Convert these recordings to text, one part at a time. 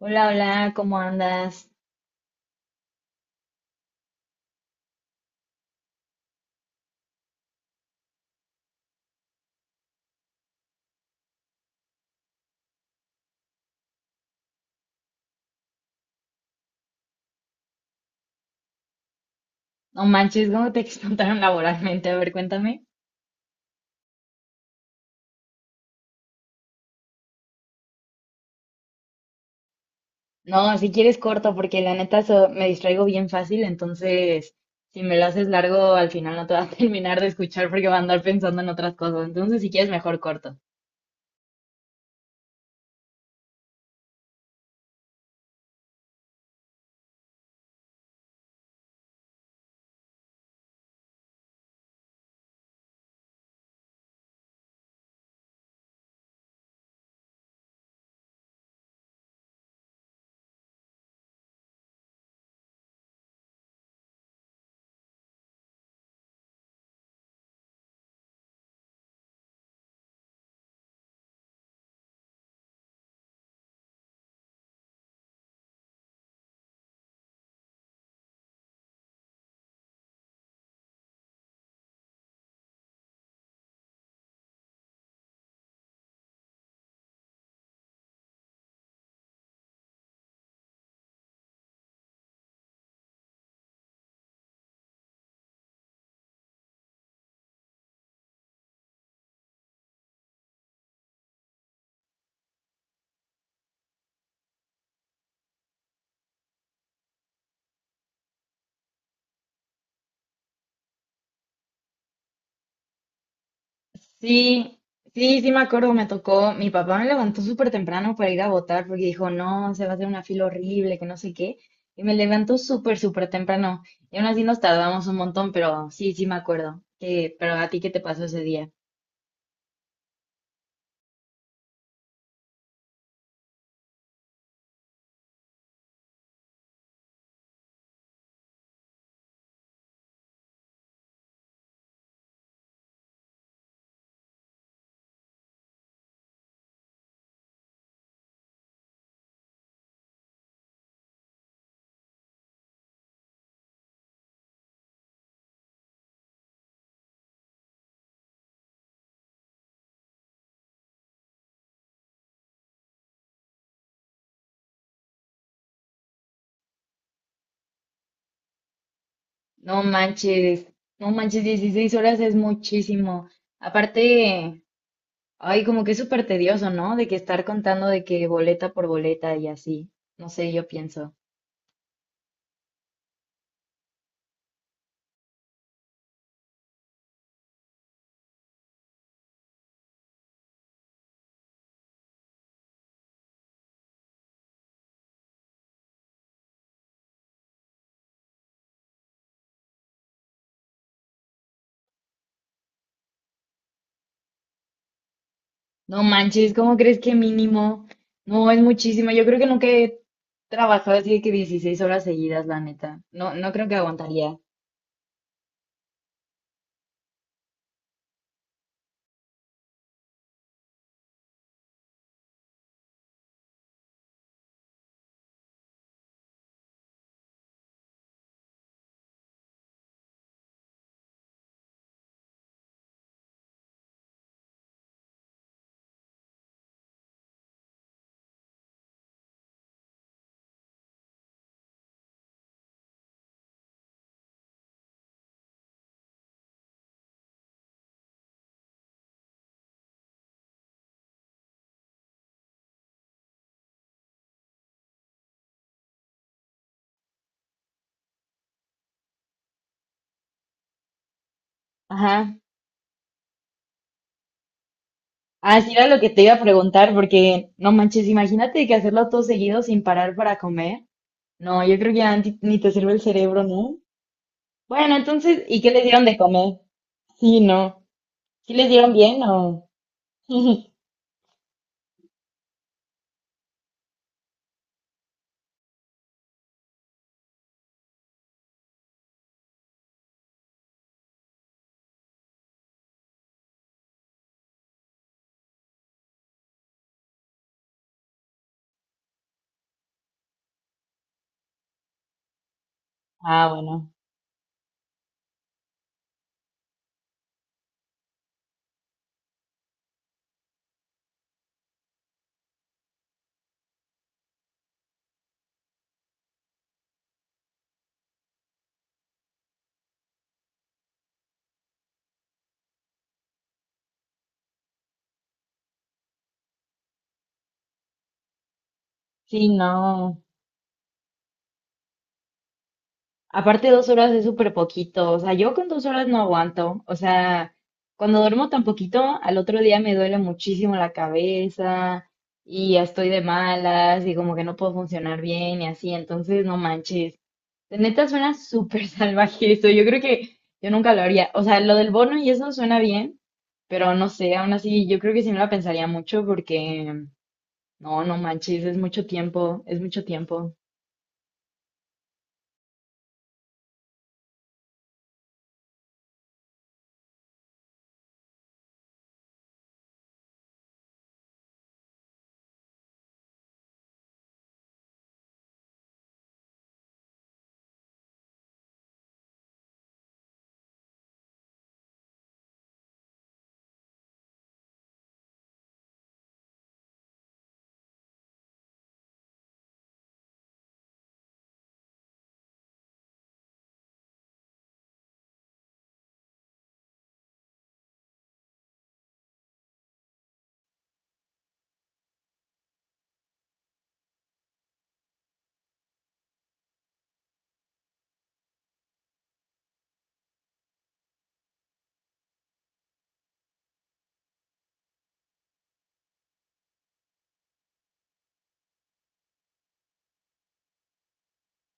Hola, hola, ¿cómo andas? No manches, ¿cómo te explotaron laboralmente? A ver, cuéntame. No, si quieres corto, porque la neta me distraigo bien fácil, entonces si me lo haces largo, al final no te va a terminar de escuchar porque va a andar pensando en otras cosas. Entonces, si quieres, mejor corto. Sí, sí, sí me acuerdo, me tocó. Mi papá me levantó súper temprano para ir a votar porque dijo, no, se va a hacer una fila horrible, que no sé qué. Y me levantó súper, súper temprano. Y aún así nos tardamos un montón, pero sí, sí me acuerdo, que pero a ti, ¿qué te pasó ese día? No manches, no manches, 16 horas es muchísimo. Aparte, ay, como que es súper tedioso, ¿no? De que estar contando de que boleta por boleta y así. No sé, yo pienso. No manches, ¿cómo crees que mínimo? No, es muchísimo. Yo creo que nunca he trabajado así de que 16 horas seguidas, la neta. No, no creo que aguantaría. Ajá. Así era lo que te iba a preguntar, porque no manches, imagínate que hacerlo todo seguido sin parar para comer. No, yo creo que ya ni te sirve el cerebro, ¿no? Bueno, entonces, ¿y qué les dieron de comer? Sí, no. ¿Sí les dieron bien o...? Ah, bueno. Sí, no. Aparte, 2 horas es súper poquito. O sea, yo con 2 horas no aguanto. O sea, cuando duermo tan poquito, al otro día me duele muchísimo la cabeza y ya estoy de malas y como que no puedo funcionar bien y así. Entonces, no manches. De neta suena súper salvaje eso. Yo creo que yo nunca lo haría. O sea, lo del bono y eso suena bien, pero no sé, aún así yo creo que sí me la pensaría mucho porque no, no manches, es mucho tiempo, es mucho tiempo.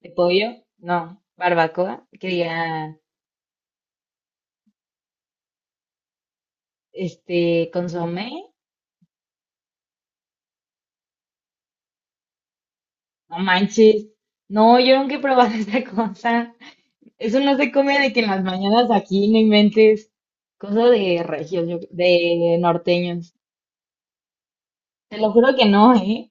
¿De pollo? No, barbacoa, que diga, consomé, no manches. No, yo nunca he probado esa cosa. Eso no se come de que en las mañanas aquí no inventes. Cosa de regios, de norteños. Te lo juro que no, ¿eh?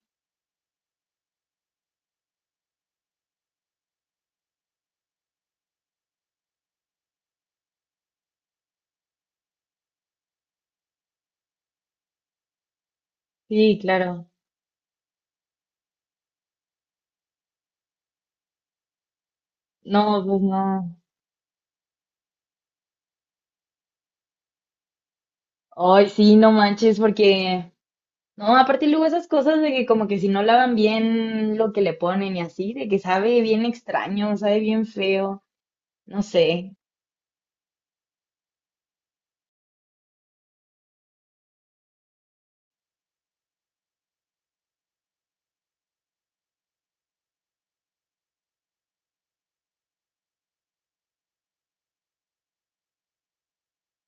Sí, claro. No, pues no. Ay, sí, no manches, porque, no, aparte luego esas cosas de que como que si no lavan bien lo que le ponen y así, de que sabe bien extraño, sabe bien feo, no sé.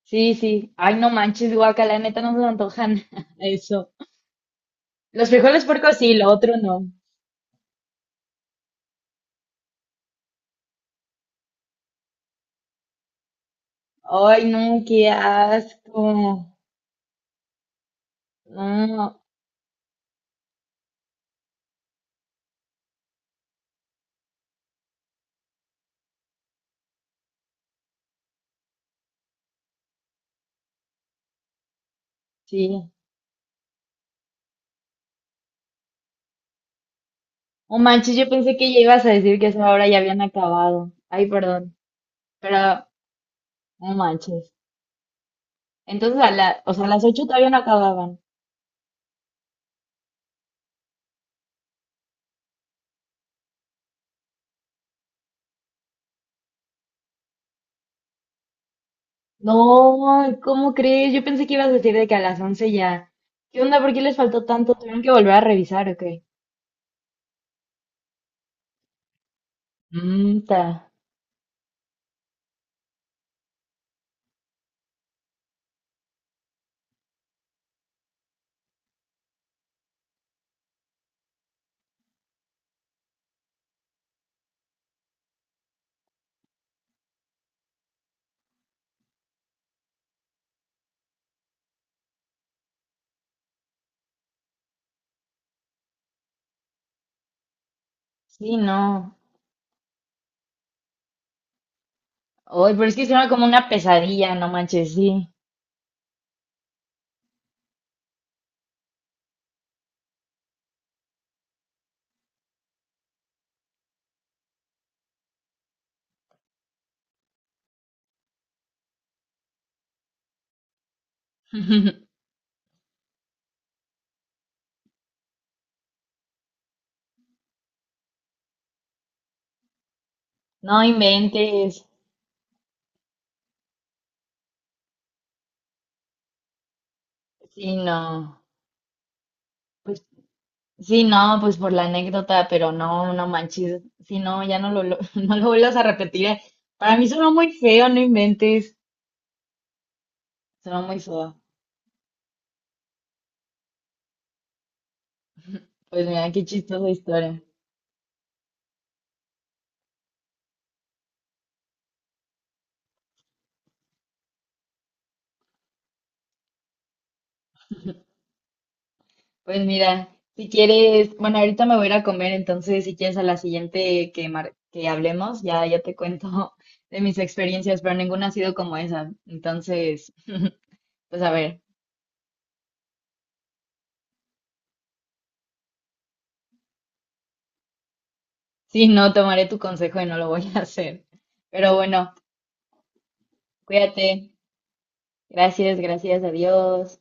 Sí, sí. Ay, no manches, guaca, la neta no se me antojan eso. Los frijoles puercos sí, lo otro no. Ay, no, qué asco. No, sí. No manches, yo pensé que ya ibas a decir que eso ahora ya habían acabado. Ay, perdón, pero no manches. Entonces, o sea, a las 8 todavía no acababan. No, ¿cómo crees? Yo pensé que ibas a decir de que a las 11 ya. ¿Qué onda? ¿Por qué les faltó tanto? ¿Tuvieron que volver a revisar o qué? Mm, ta. Sí, no. Hoy, pero es que suena como una pesadilla, no manches, sí. No inventes. Sí, no. Pues, sí, no, pues por la anécdota, pero no, no manches. Sí, no, ya no lo vuelvas a repetir. Para mí suena muy feo, no inventes. Suena muy feo. Pues mira, qué chistosa historia. Pues mira, si quieres, bueno, ahorita me voy a ir a comer, entonces si quieres a la siguiente que, que hablemos, ya te cuento de mis experiencias, pero ninguna ha sido como esa. Entonces, pues a ver, sí, no, tomaré tu consejo y no lo voy a hacer. Pero bueno, cuídate. Gracias, gracias, adiós.